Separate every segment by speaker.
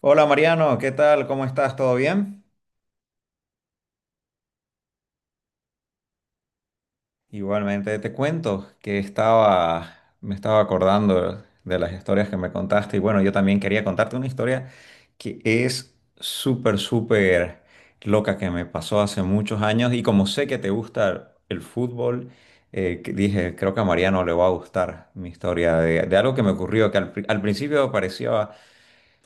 Speaker 1: Hola Mariano, ¿qué tal? ¿Cómo estás? ¿Todo bien? Igualmente te cuento que me estaba acordando de las historias que me contaste y bueno, yo también quería contarte una historia que es súper, súper loca que me pasó hace muchos años y como sé que te gusta el fútbol. Que dije, creo que a Mariano le va a gustar mi historia de algo que me ocurrió que al principio parecía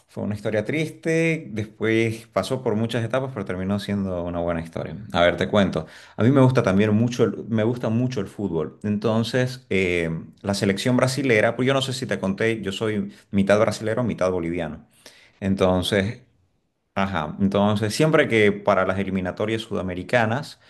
Speaker 1: fue una historia triste, después pasó por muchas etapas, pero terminó siendo una buena historia. A ver, te cuento. A mí me gusta mucho el fútbol. Entonces, la selección brasilera, pues yo no sé si te conté, yo soy mitad brasilero, mitad boliviano. Entonces, ajá, entonces siempre que para las eliminatorias sudamericanas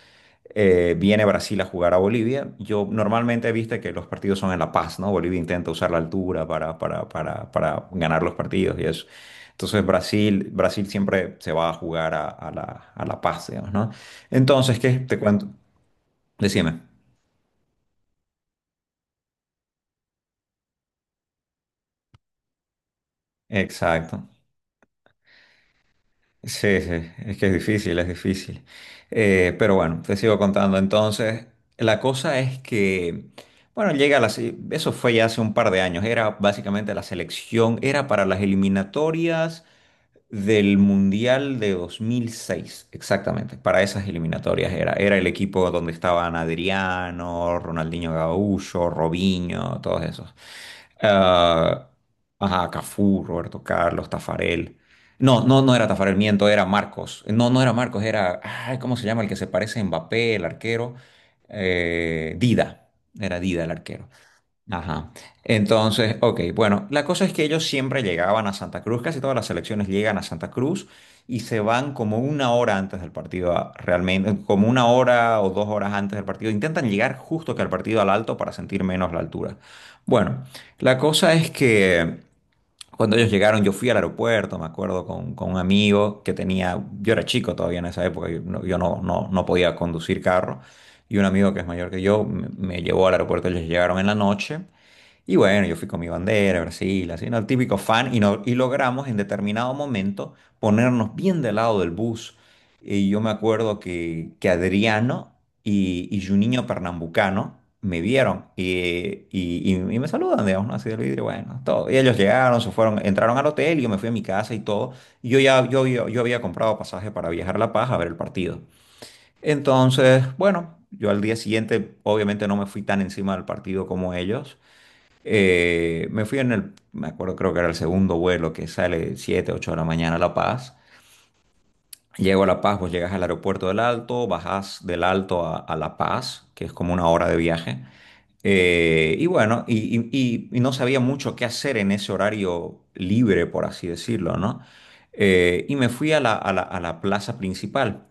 Speaker 1: viene Brasil a jugar a Bolivia. Yo normalmente, viste que los partidos son en La Paz, ¿no? Bolivia intenta usar la altura para ganar los partidos y eso. Entonces Brasil siempre se va a jugar a La Paz, digamos, ¿no? Entonces, ¿qué? Te cuento. Decime. Exacto. Sí, sí, es que es difícil, es difícil. Pero bueno, te sigo contando. Entonces, la cosa es que, bueno, llega eso fue ya hace un par de años, era básicamente la selección, era para las eliminatorias del Mundial de 2006, exactamente, para esas eliminatorias era. Era el equipo donde estaban Adriano, Ronaldinho Gaúcho, Robinho, todos esos. Ah, ajá, Cafú, Roberto Carlos, Tafarel. No, no, no era Tafarel, miento, era Marcos. No, no era Marcos, era, ay, ¿cómo se llama? El que se parece a Mbappé, el arquero. Dida, era Dida el arquero. Ajá. Entonces, ok, bueno, la cosa es que ellos siempre llegaban a Santa Cruz, casi todas las selecciones llegan a Santa Cruz y se van como una hora antes del partido, realmente, como una hora o 2 horas antes del partido. Intentan llegar justo que al partido al alto para sentir menos la altura. Bueno, la cosa es que cuando ellos llegaron, yo fui al aeropuerto, me acuerdo, con un amigo que tenía, yo era chico todavía en esa época, yo no podía conducir carro. Y un amigo que es mayor que yo me llevó al aeropuerto, ellos llegaron en la noche. Y bueno, yo fui con mi bandera, Brasil, así, ¿no? El típico fan, y, no- y logramos en determinado momento ponernos bien del lado del bus. Y yo me acuerdo que Adriano y Juninho Pernambucano me vieron y me saludan, digamos, ¿no? Así del vidrio, bueno, todo. Y ellos llegaron, se fueron, entraron al hotel y yo me fui a mi casa y todo. Y yo ya, yo había comprado pasaje para viajar a La Paz a ver el partido. Entonces, bueno, yo al día siguiente obviamente no me fui tan encima del partido como ellos. Me fui me acuerdo, creo que era el segundo vuelo que sale 7 8 de la mañana a La Paz. Llego a La Paz, vos llegas al aeropuerto del Alto, bajás del Alto a La Paz, que es como una hora de viaje. Y bueno, y no sabía mucho qué hacer en ese horario libre, por así decirlo, ¿no? Y me fui a la plaza principal.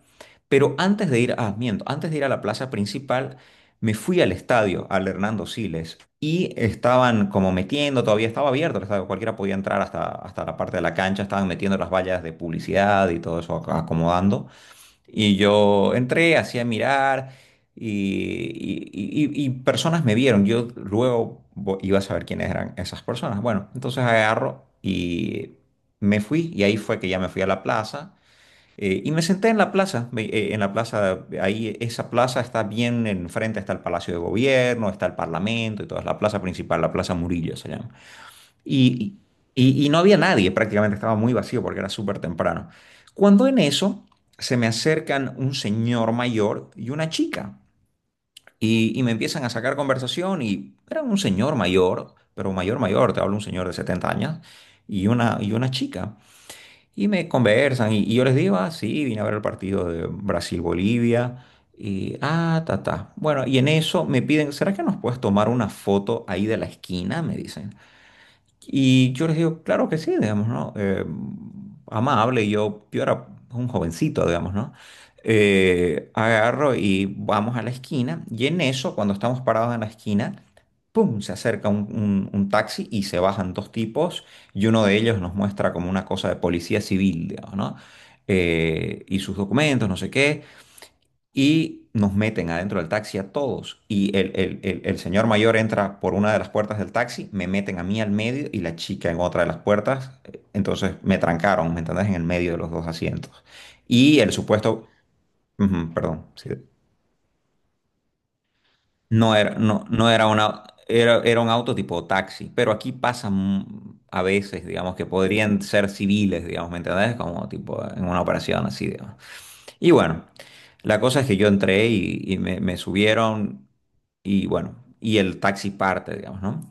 Speaker 1: Pero antes de ir, ah, miento, antes de ir a la plaza principal, me fui al estadio, al Hernando Siles, y estaban como metiendo, todavía estaba abierto el estadio, cualquiera podía entrar hasta la parte de la cancha, estaban metiendo las vallas de publicidad y todo eso, acomodando. Y yo entré, hacía mirar y, y personas me vieron. Yo luego iba a saber quiénes eran esas personas. Bueno, entonces agarro y me fui y ahí fue que ya me fui a la plaza. Y me senté en la plaza, en la plaza, ahí esa plaza está bien enfrente, está el Palacio de Gobierno, está el Parlamento y toda, es la plaza principal, la Plaza Murillo se llama. Y, y no había nadie, prácticamente estaba muy vacío porque era súper temprano. Cuando en eso se me acercan un señor mayor y una chica y me empiezan a sacar conversación y era un señor mayor, pero mayor mayor, te hablo un señor de 70 años y una chica. Y me conversan y yo les digo, ah, sí, vine a ver el partido de Brasil-Bolivia. Y, ah, ta, ta. Bueno, y en eso me piden, ¿será que nos puedes tomar una foto ahí de la esquina? Me dicen. Y yo les digo, claro que sí, digamos, ¿no? Amable, yo era un jovencito, digamos, ¿no? Agarro y vamos a la esquina y en eso, cuando estamos parados en la esquina, ¡pum! Se acerca un taxi y se bajan dos tipos y uno de ellos nos muestra como una cosa de policía civil, digamos, ¿no? Y sus documentos, no sé qué y nos meten adentro del taxi a todos. Y el señor mayor entra por una de las puertas del taxi, me meten a mí al medio y la chica en otra de las puertas. Entonces me trancaron, ¿me entendés? En el medio de los dos asientos. Y el supuesto, ujú, perdón, sí, no era, no, no era una, era un auto tipo taxi, pero aquí pasan a veces, digamos, que podrían ser civiles, digamos, ¿me entendés? Como tipo en una operación así, digamos. Y bueno, la cosa es que yo entré y me subieron y bueno, y el taxi parte, digamos, ¿no?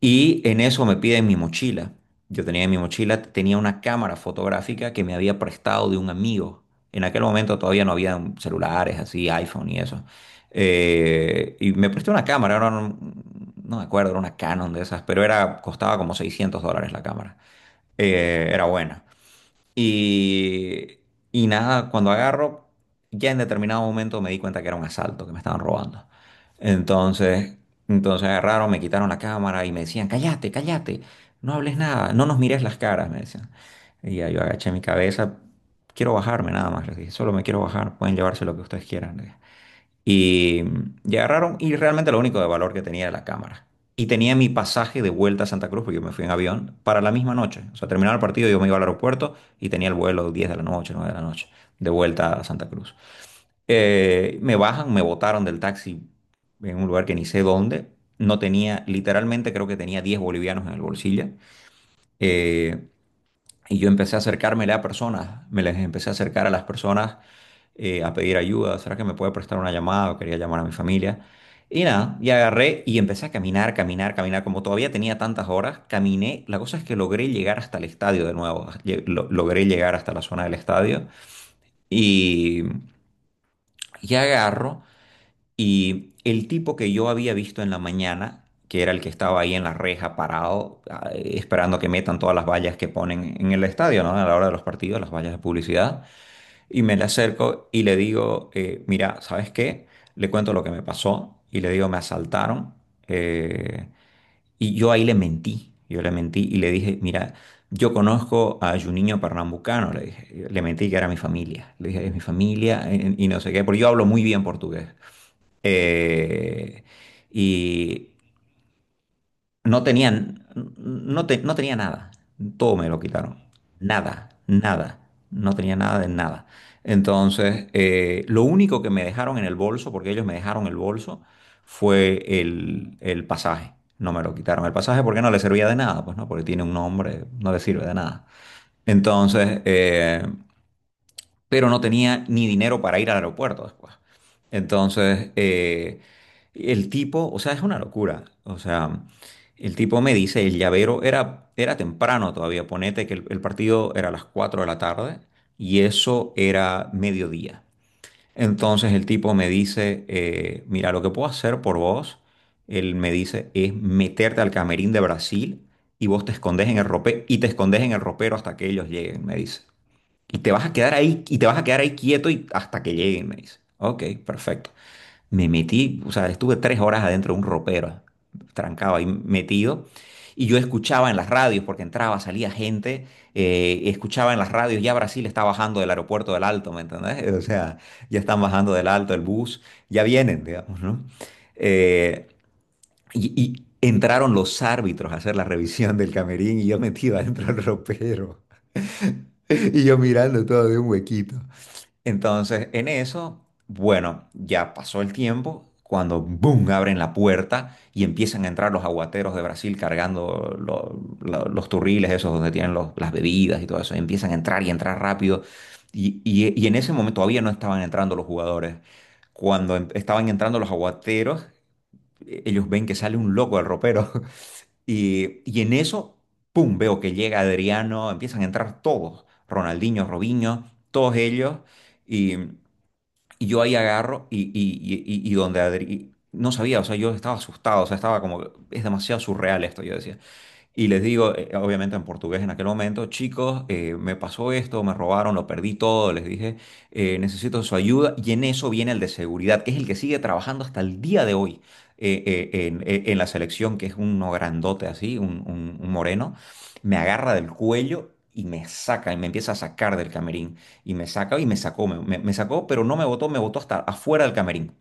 Speaker 1: Y en eso me piden mi mochila. Yo tenía en mi mochila, tenía una cámara fotográfica que me había prestado de un amigo. En aquel momento todavía no había celulares así, iPhone y eso. Y me prestó una cámara, era no me acuerdo, era una Canon de esas, pero era, costaba como $600 la cámara. Era buena. Y, y nada, cuando agarro, ya en determinado momento me di cuenta que era un asalto, que me estaban robando. Entonces, entonces agarraron, me quitaron la cámara y me decían, cállate, cállate, no hables nada, no nos mires las caras, me decían. Y ya yo agaché mi cabeza, quiero bajarme nada más, les dije, solo me quiero bajar, pueden llevarse lo que ustedes quieran. Y, y agarraron, y realmente lo único de valor que tenía era la cámara. Y tenía mi pasaje de vuelta a Santa Cruz, porque yo me fui en avión, para la misma noche. O sea, terminaba el partido, yo me iba al aeropuerto y tenía el vuelo 10 de la noche, 9 de la noche, de vuelta a Santa Cruz. Me bajan, me botaron del taxi en un lugar que ni sé dónde. No tenía, literalmente creo que tenía 10 bolivianos en el bolsillo. Eh, y yo empecé a acercármele a personas, me les empecé a acercar a las personas a pedir ayuda, ¿será que me puede prestar una llamada? O quería llamar a mi familia. Y nada, y agarré y empecé a caminar, caminar, caminar, como todavía tenía tantas horas, caminé, la cosa es que logré llegar hasta el estadio de nuevo, logré llegar hasta la zona del estadio y, y agarro. Y el tipo que yo había visto en la mañana, que era el que estaba ahí en la reja parado, esperando que metan todas las vallas que ponen en el estadio, ¿no? A la hora de los partidos, las vallas de publicidad. Y me le acerco y le digo, mira, ¿sabes qué? Le cuento lo que me pasó y le digo, me asaltaron. eh, y yo ahí le mentí, yo le mentí y le dije, mira, yo conozco a Juninho Pernambucano, le dije, le mentí que era mi familia. Le dije, es mi familia y no sé qué, porque yo hablo muy bien portugués. Eh, y no tenían, no, no tenía nada. Todo me lo quitaron. Nada, nada. No tenía nada de nada. Entonces, lo único que me dejaron en el bolso, porque ellos me dejaron el bolso, fue el pasaje. No me lo quitaron el pasaje porque no le servía de nada, pues no, porque tiene un nombre, no le sirve de nada. Entonces, pero no tenía ni dinero para ir al aeropuerto después. Entonces, el tipo, o sea, es una locura. O sea, el tipo me dice, el llavero era, era temprano todavía, ponete que el partido era a las 4 de la tarde y eso era mediodía. Entonces el tipo me dice, mira, lo que puedo hacer por vos, él me dice, es meterte al camerín de Brasil y vos te escondes en el ropero hasta que ellos lleguen, me dice. Y te vas a quedar ahí quieto y hasta que lleguen, me dice. Ok, perfecto. Me metí, o sea, estuve 3 horas adentro de un ropero, trancado ahí metido. Y yo escuchaba en las radios, porque entraba, salía gente, escuchaba en las radios, ya Brasil está bajando del aeropuerto del Alto, ¿me entendés? O sea, ya están bajando del Alto el bus, ya vienen, digamos, ¿no? Eh, y, y entraron los árbitros a hacer la revisión del camerín y yo metido adentro del ropero. Y yo mirando todo de un huequito. Entonces, en eso, bueno, ya pasó el tiempo. Cuando, boom, abren la puerta y empiezan a entrar los aguateros de Brasil cargando los turriles, esos donde tienen las bebidas y todo eso. Empiezan a entrar y entrar rápido. Y en ese momento todavía no estaban entrando los jugadores. Cuando estaban entrando los aguateros, ellos ven que sale un loco del ropero. Y en eso, pum, veo que llega Adriano, empiezan a entrar todos. Ronaldinho, Robinho, todos ellos. Y yo ahí agarro. No sabía, o sea, yo estaba asustado, o sea, estaba como, que es demasiado surreal esto, yo decía. Y les digo, obviamente en portugués en aquel momento, chicos, me pasó esto, me robaron, lo perdí todo, les dije, necesito su ayuda. Y en eso viene el de seguridad, que es el que sigue trabajando hasta el día de hoy, en la selección, que es uno grandote así, un moreno. Me agarra del cuello y me saca, y me empieza a sacar del camerín. Y me sacó, me sacó, pero no me botó, me botó hasta afuera del camerín.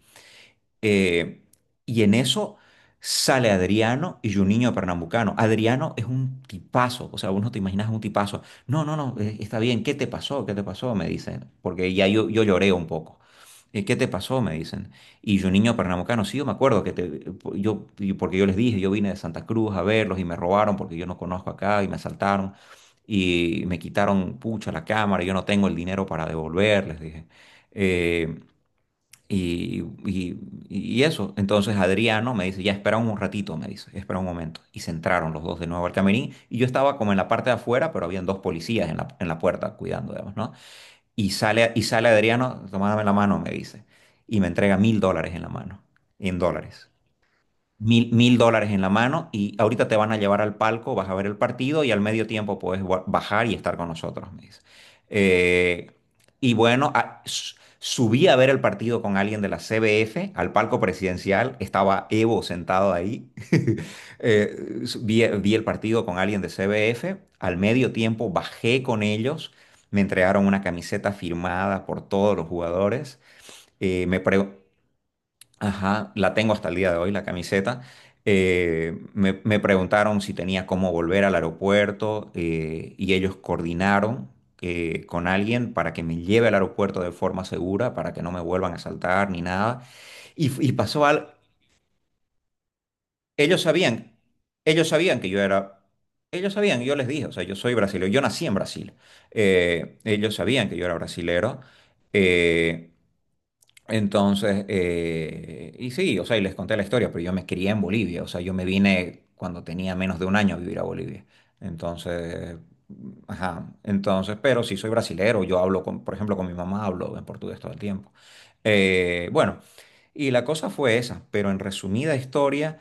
Speaker 1: Eh, y en eso sale Adriano y Juninho Pernambucano. Adriano es un tipazo, o sea, vos no te imaginas un tipazo. No, no, no, está bien, ¿qué te pasó? ¿Qué te pasó? Me dicen, porque ya yo lloré un poco. ¿Qué te pasó? Me dicen. Y Juninho Pernambucano, sí, yo me acuerdo que te, yo- porque yo les dije, yo vine de Santa Cruz a verlos y me robaron porque yo no conozco acá y me asaltaron y me quitaron, pucha, la cámara, yo no tengo el dinero para devolver, les dije. Eh, y, y- y eso, entonces Adriano me dice, ya espera un ratito, me dice, espera un momento. Y se entraron los dos de nuevo al camerín y yo estaba como en la parte de afuera, pero habían dos policías en la puerta cuidando, digamos, ¿no? Y sale Adriano, tomándome la mano, me dice, y me entrega $1.000 en la mano, en dólares mil dólares en la mano y ahorita te van a llevar al palco, vas a ver el partido y al medio tiempo puedes bajar y estar con nosotros, me dice. Eh, y bueno, subí a ver el partido con alguien de la CBF al palco presidencial, estaba Evo sentado ahí. Vi el partido con alguien de CBF, al medio tiempo bajé con ellos, me entregaron una camiseta firmada por todos los jugadores. Me preguntó Ajá, la tengo hasta el día de hoy, la camiseta. Me preguntaron si tenía cómo volver al aeropuerto, y ellos coordinaron, con alguien para que me lleve al aeropuerto de forma segura, para que no me vuelvan a asaltar ni nada. Y pasó algo, ellos sabían, ellos sabían que yo era, ellos sabían, yo les dije, o sea, yo soy brasileño, yo nací en Brasil. Ellos sabían que yo era brasilero. Eh, entonces, sí, o sea, y les conté la historia, pero yo me crié en Bolivia, o sea, yo me vine cuando tenía menos de un año a vivir a Bolivia. Entonces, ajá, entonces, pero sí soy brasilero, yo hablo con, por ejemplo, con mi mamá hablo en portugués todo el tiempo. Bueno, y la cosa fue esa, pero en resumida historia,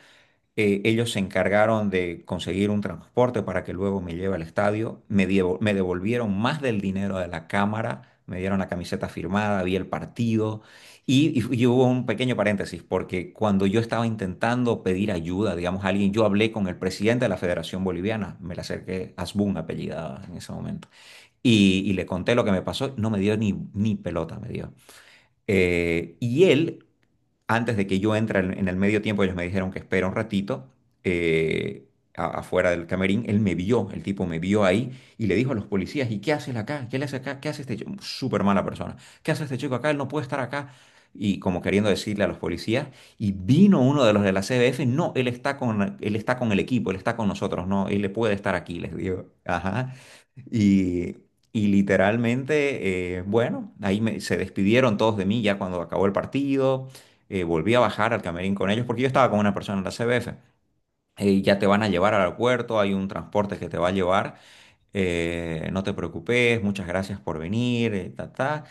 Speaker 1: ellos se encargaron de conseguir un transporte para que luego me lleve al estadio. Me devolvieron más del dinero de la cámara, me dieron la camiseta firmada, vi el partido. Y hubo un pequeño paréntesis, porque cuando yo estaba intentando pedir ayuda, digamos, a alguien, yo hablé con el presidente de la Federación Boliviana, me le acerqué, Asbun apellidada en ese momento, y le conté lo que me pasó, no me dio ni pelota, me dio. Y él, antes de que yo entre en el medio tiempo, ellos me dijeron que espera un ratito, eh, afuera del camerín. Él me vio, el tipo me vio ahí y le dijo a los policías, ¿y qué haces acá? ¿Qué le hace acá? ¿Qué hace este chico? Súper mala persona. ¿Qué hace este chico acá? Él no puede estar acá. Y como queriendo decirle a los policías, y vino uno de los de la CBF, no, él está con el equipo, él está con nosotros, no, él le puede estar aquí, les digo. Ajá. Y, y literalmente, bueno, ahí se despidieron todos de mí ya cuando acabó el partido. Volví a bajar al camerín con ellos porque yo estaba con una persona en la CBF. Ya te van a llevar al aeropuerto, hay un transporte que te va a llevar, no te preocupes, muchas gracias por venir.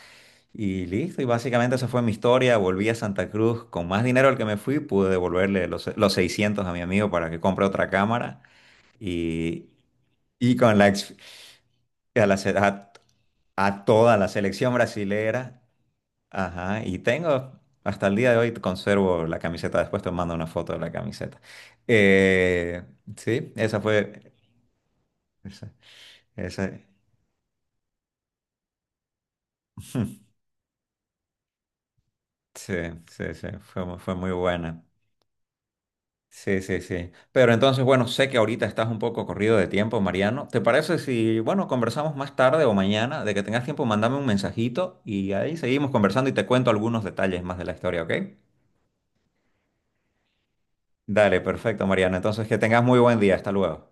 Speaker 1: Y listo, y básicamente esa fue mi historia. Volví a Santa Cruz con más dinero al que me fui, pude devolverle los 600 a mi amigo para que compre otra cámara. Y, y con la, ex- a la, a toda la selección brasilera. Ajá, hasta el día de hoy conservo la camiseta, después te mando una foto de la camiseta. Eh, sí, esa fue, esa, esa- sí, sí, sí, fue muy buena. Sí, sí, sí. Pero entonces, bueno, sé que ahorita estás un poco corrido de tiempo, Mariano. ¿Te parece si, bueno, conversamos más tarde o mañana, de que tengas tiempo, mandame un mensajito y ahí seguimos conversando y te cuento algunos detalles más de la historia, ok? Dale, perfecto, Mariana. Entonces, que tengas muy buen día. Hasta luego.